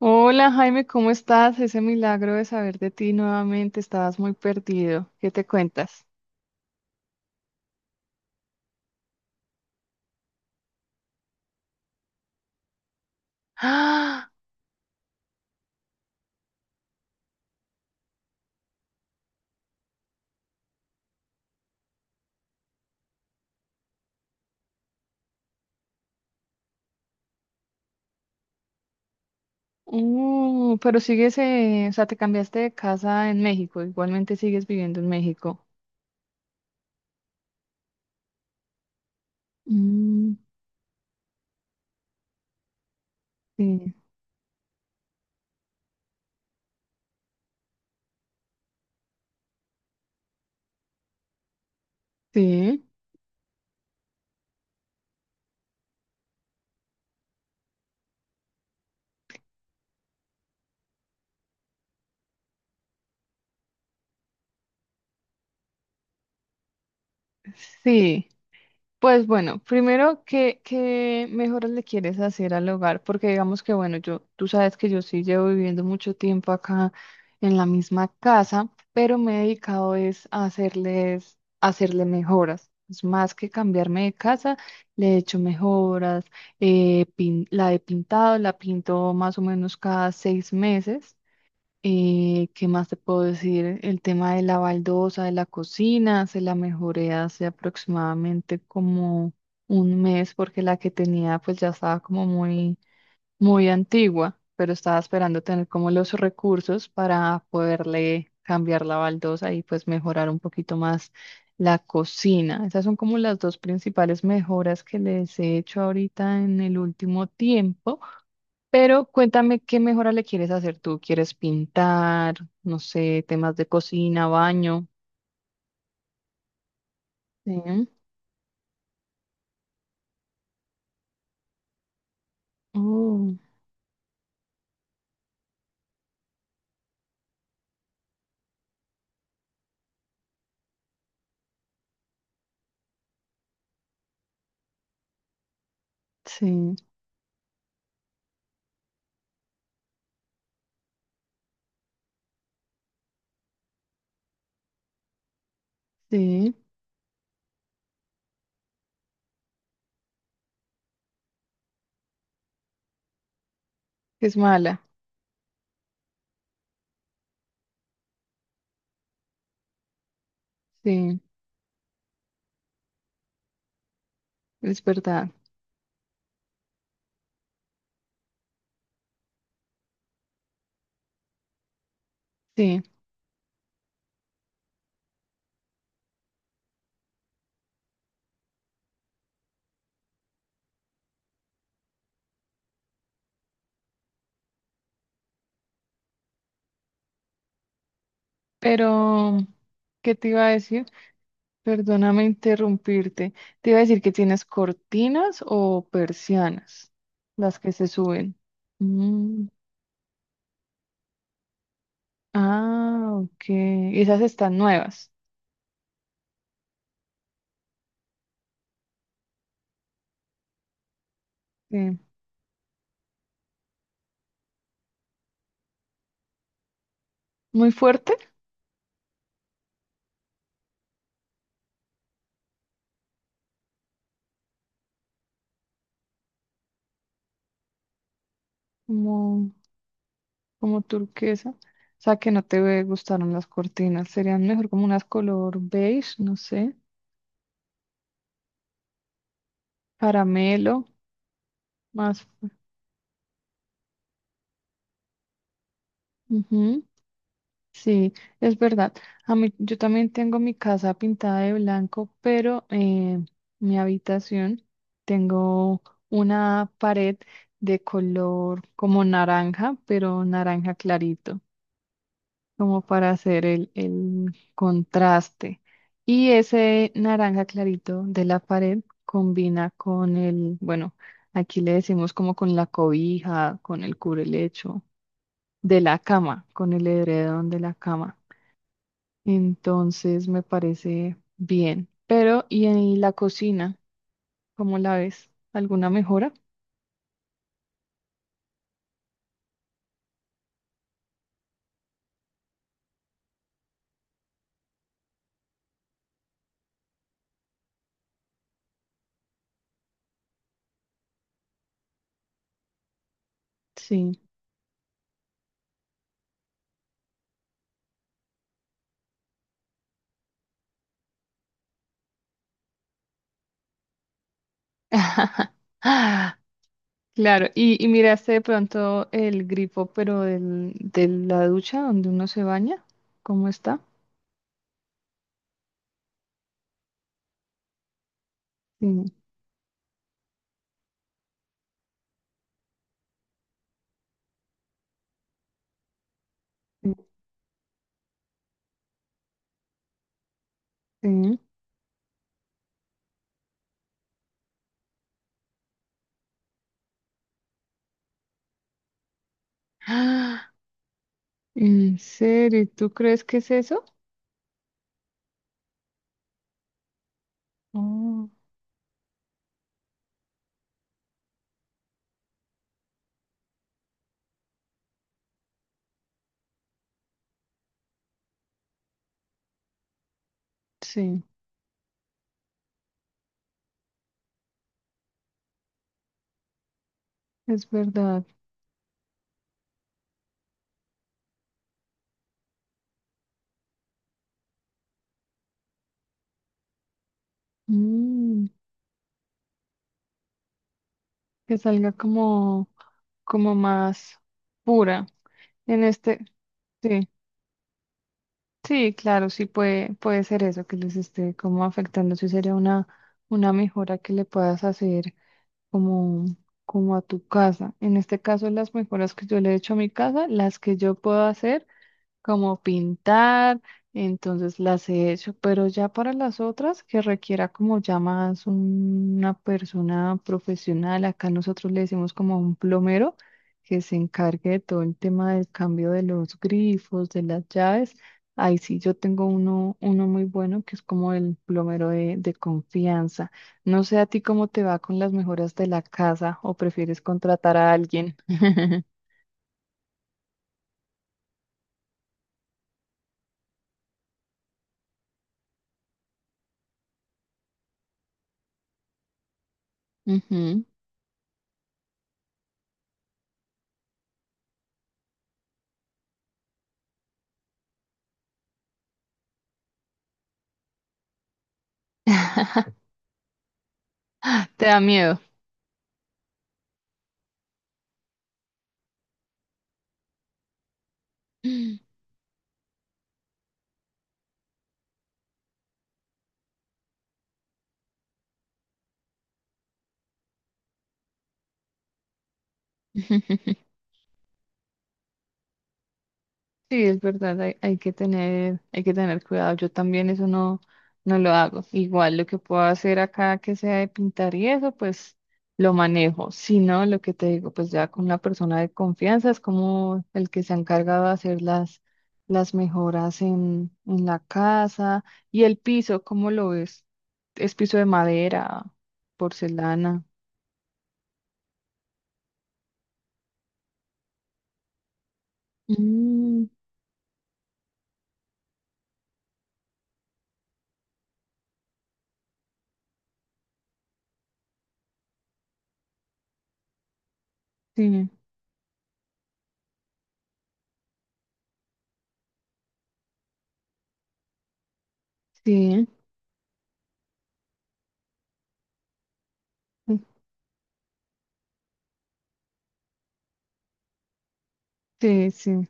Hola Jaime, ¿cómo estás? Ese milagro de saber de ti nuevamente, estabas muy perdido. ¿Qué te cuentas? Ah, pero sigues, o sea, te cambiaste de casa en México, igualmente sigues viviendo en México. Mm, sí, sí, sí. Pues bueno, primero, ¿qué mejoras le quieres hacer al hogar? Porque digamos que, bueno, yo, tú sabes que yo sí llevo viviendo mucho tiempo acá en la misma casa, pero me he dedicado es a hacerle mejoras. Es más que cambiarme de casa, le he hecho mejoras, la he pintado, la pinto más o menos cada 6 meses. ¿Qué más te puedo decir? El tema de la baldosa de la cocina, se la mejoré hace aproximadamente como un mes porque la que tenía pues ya estaba como muy, muy antigua, pero estaba esperando tener como los recursos para poderle cambiar la baldosa y pues mejorar un poquito más la cocina. Esas son como las dos principales mejoras que les he hecho ahorita en el último tiempo. Pero cuéntame qué mejora le quieres hacer tú. ¿Quieres pintar? No sé, temas de cocina, baño. Sí. Oh, sí, sí. Es mala. Sí, es verdad. Sí. Pero, ¿qué te iba a decir? Perdóname interrumpirte. Te iba a decir que tienes cortinas o persianas, las que se suben. Mm, ah, ok. Esas están nuevas. Sí. Muy fuerte. Como. Como turquesa. O sea, que no te gustaron las cortinas. Serían mejor como unas color beige, no sé, caramelo, más. Ujú, sí, es verdad. A mí, yo también tengo mi casa pintada de blanco, pero mi habitación tengo una pared de color como naranja, pero naranja clarito. Como para hacer el contraste. Y ese naranja clarito de la pared combina con el, bueno, aquí le decimos como con la cobija, con el cubrelecho de la cama, con el edredón de la cama. Entonces me parece bien. Pero, ¿y en la cocina? ¿Cómo la ves? ¿Alguna mejora? Sí. Claro, y miraste de pronto el grifo, pero de la ducha donde uno se baña, ¿cómo está? Sí, sí, sí. ¡Ah! ¿En serio? ¿Tú crees que es eso? Oh, sí, es verdad. Mm, que salga como, como más pura. En este, sí, sí, claro, sí puede, puede ser eso que les esté como afectando. Sí sería una mejora que le puedas hacer como, como a tu casa. En este caso, las mejoras que yo le he hecho a mi casa, las que yo puedo hacer como pintar, entonces las he hecho, pero ya para las otras que requiera como ya más una persona profesional, acá nosotros le decimos como un plomero que se encargue de todo el tema del cambio de los grifos, de las llaves. Ahí sí yo tengo uno, uno muy bueno que es como el plomero de confianza. No sé a ti cómo te va con las mejoras de la casa o prefieres contratar a alguien. Ujú. Te da miedo. Sí, es verdad, hay que tener cuidado. Yo también eso no lo hago. Igual lo que puedo hacer acá que sea de pintar y eso, pues lo manejo. Si no, lo que te digo, pues ya con una persona de confianza es como el que se ha encargado de hacer las mejoras en la casa. Y el piso, ¿cómo lo ves? ¿Es piso de madera, porcelana? Mm, sí, sí, sí, sí.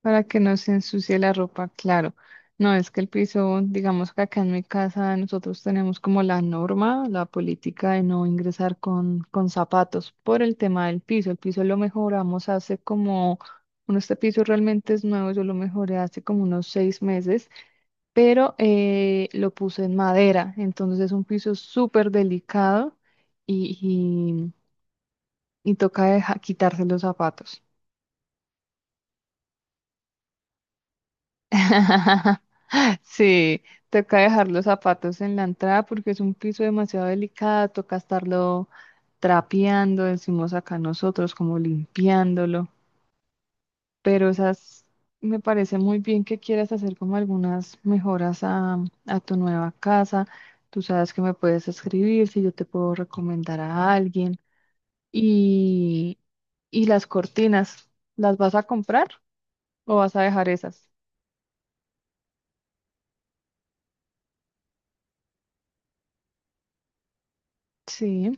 Para que no se ensucie la ropa, claro. No, es que el piso, digamos que acá en mi casa nosotros tenemos como la norma, la política de no ingresar con zapatos por el tema del piso. El piso lo mejoramos hace como, bueno, este piso realmente es nuevo, yo lo mejoré hace como unos 6 meses, pero lo puse en madera, entonces es un piso súper delicado y, y toca quitarse los zapatos. Sí, toca dejar los zapatos en la entrada porque es un piso demasiado delicado, toca estarlo trapeando, decimos acá nosotros, como limpiándolo. Pero esas, Me parece muy bien que quieras hacer como algunas mejoras a tu nueva casa. Tú sabes que me puedes escribir si yo te puedo recomendar a alguien. Y, y las cortinas, ¿las vas a comprar o vas a dejar esas? Sí,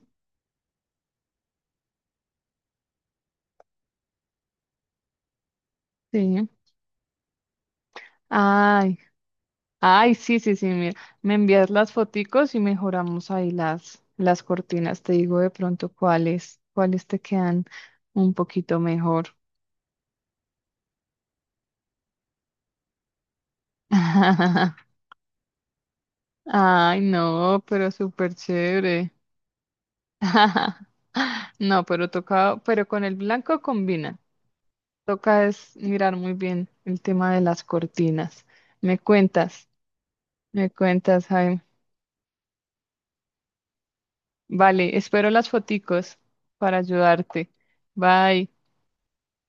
sí. Ay, ay, sí, sí, sí, mira, me envías las foticos y mejoramos ahí las cortinas. Te digo de pronto cuáles te quedan un poquito mejor. Ay, no, pero súper chévere. No, pero toca, pero con el blanco combina. Toca es mirar muy bien el tema de las cortinas. Me cuentas, me cuentas, Jaime. Vale, espero las foticos para ayudarte. Bye.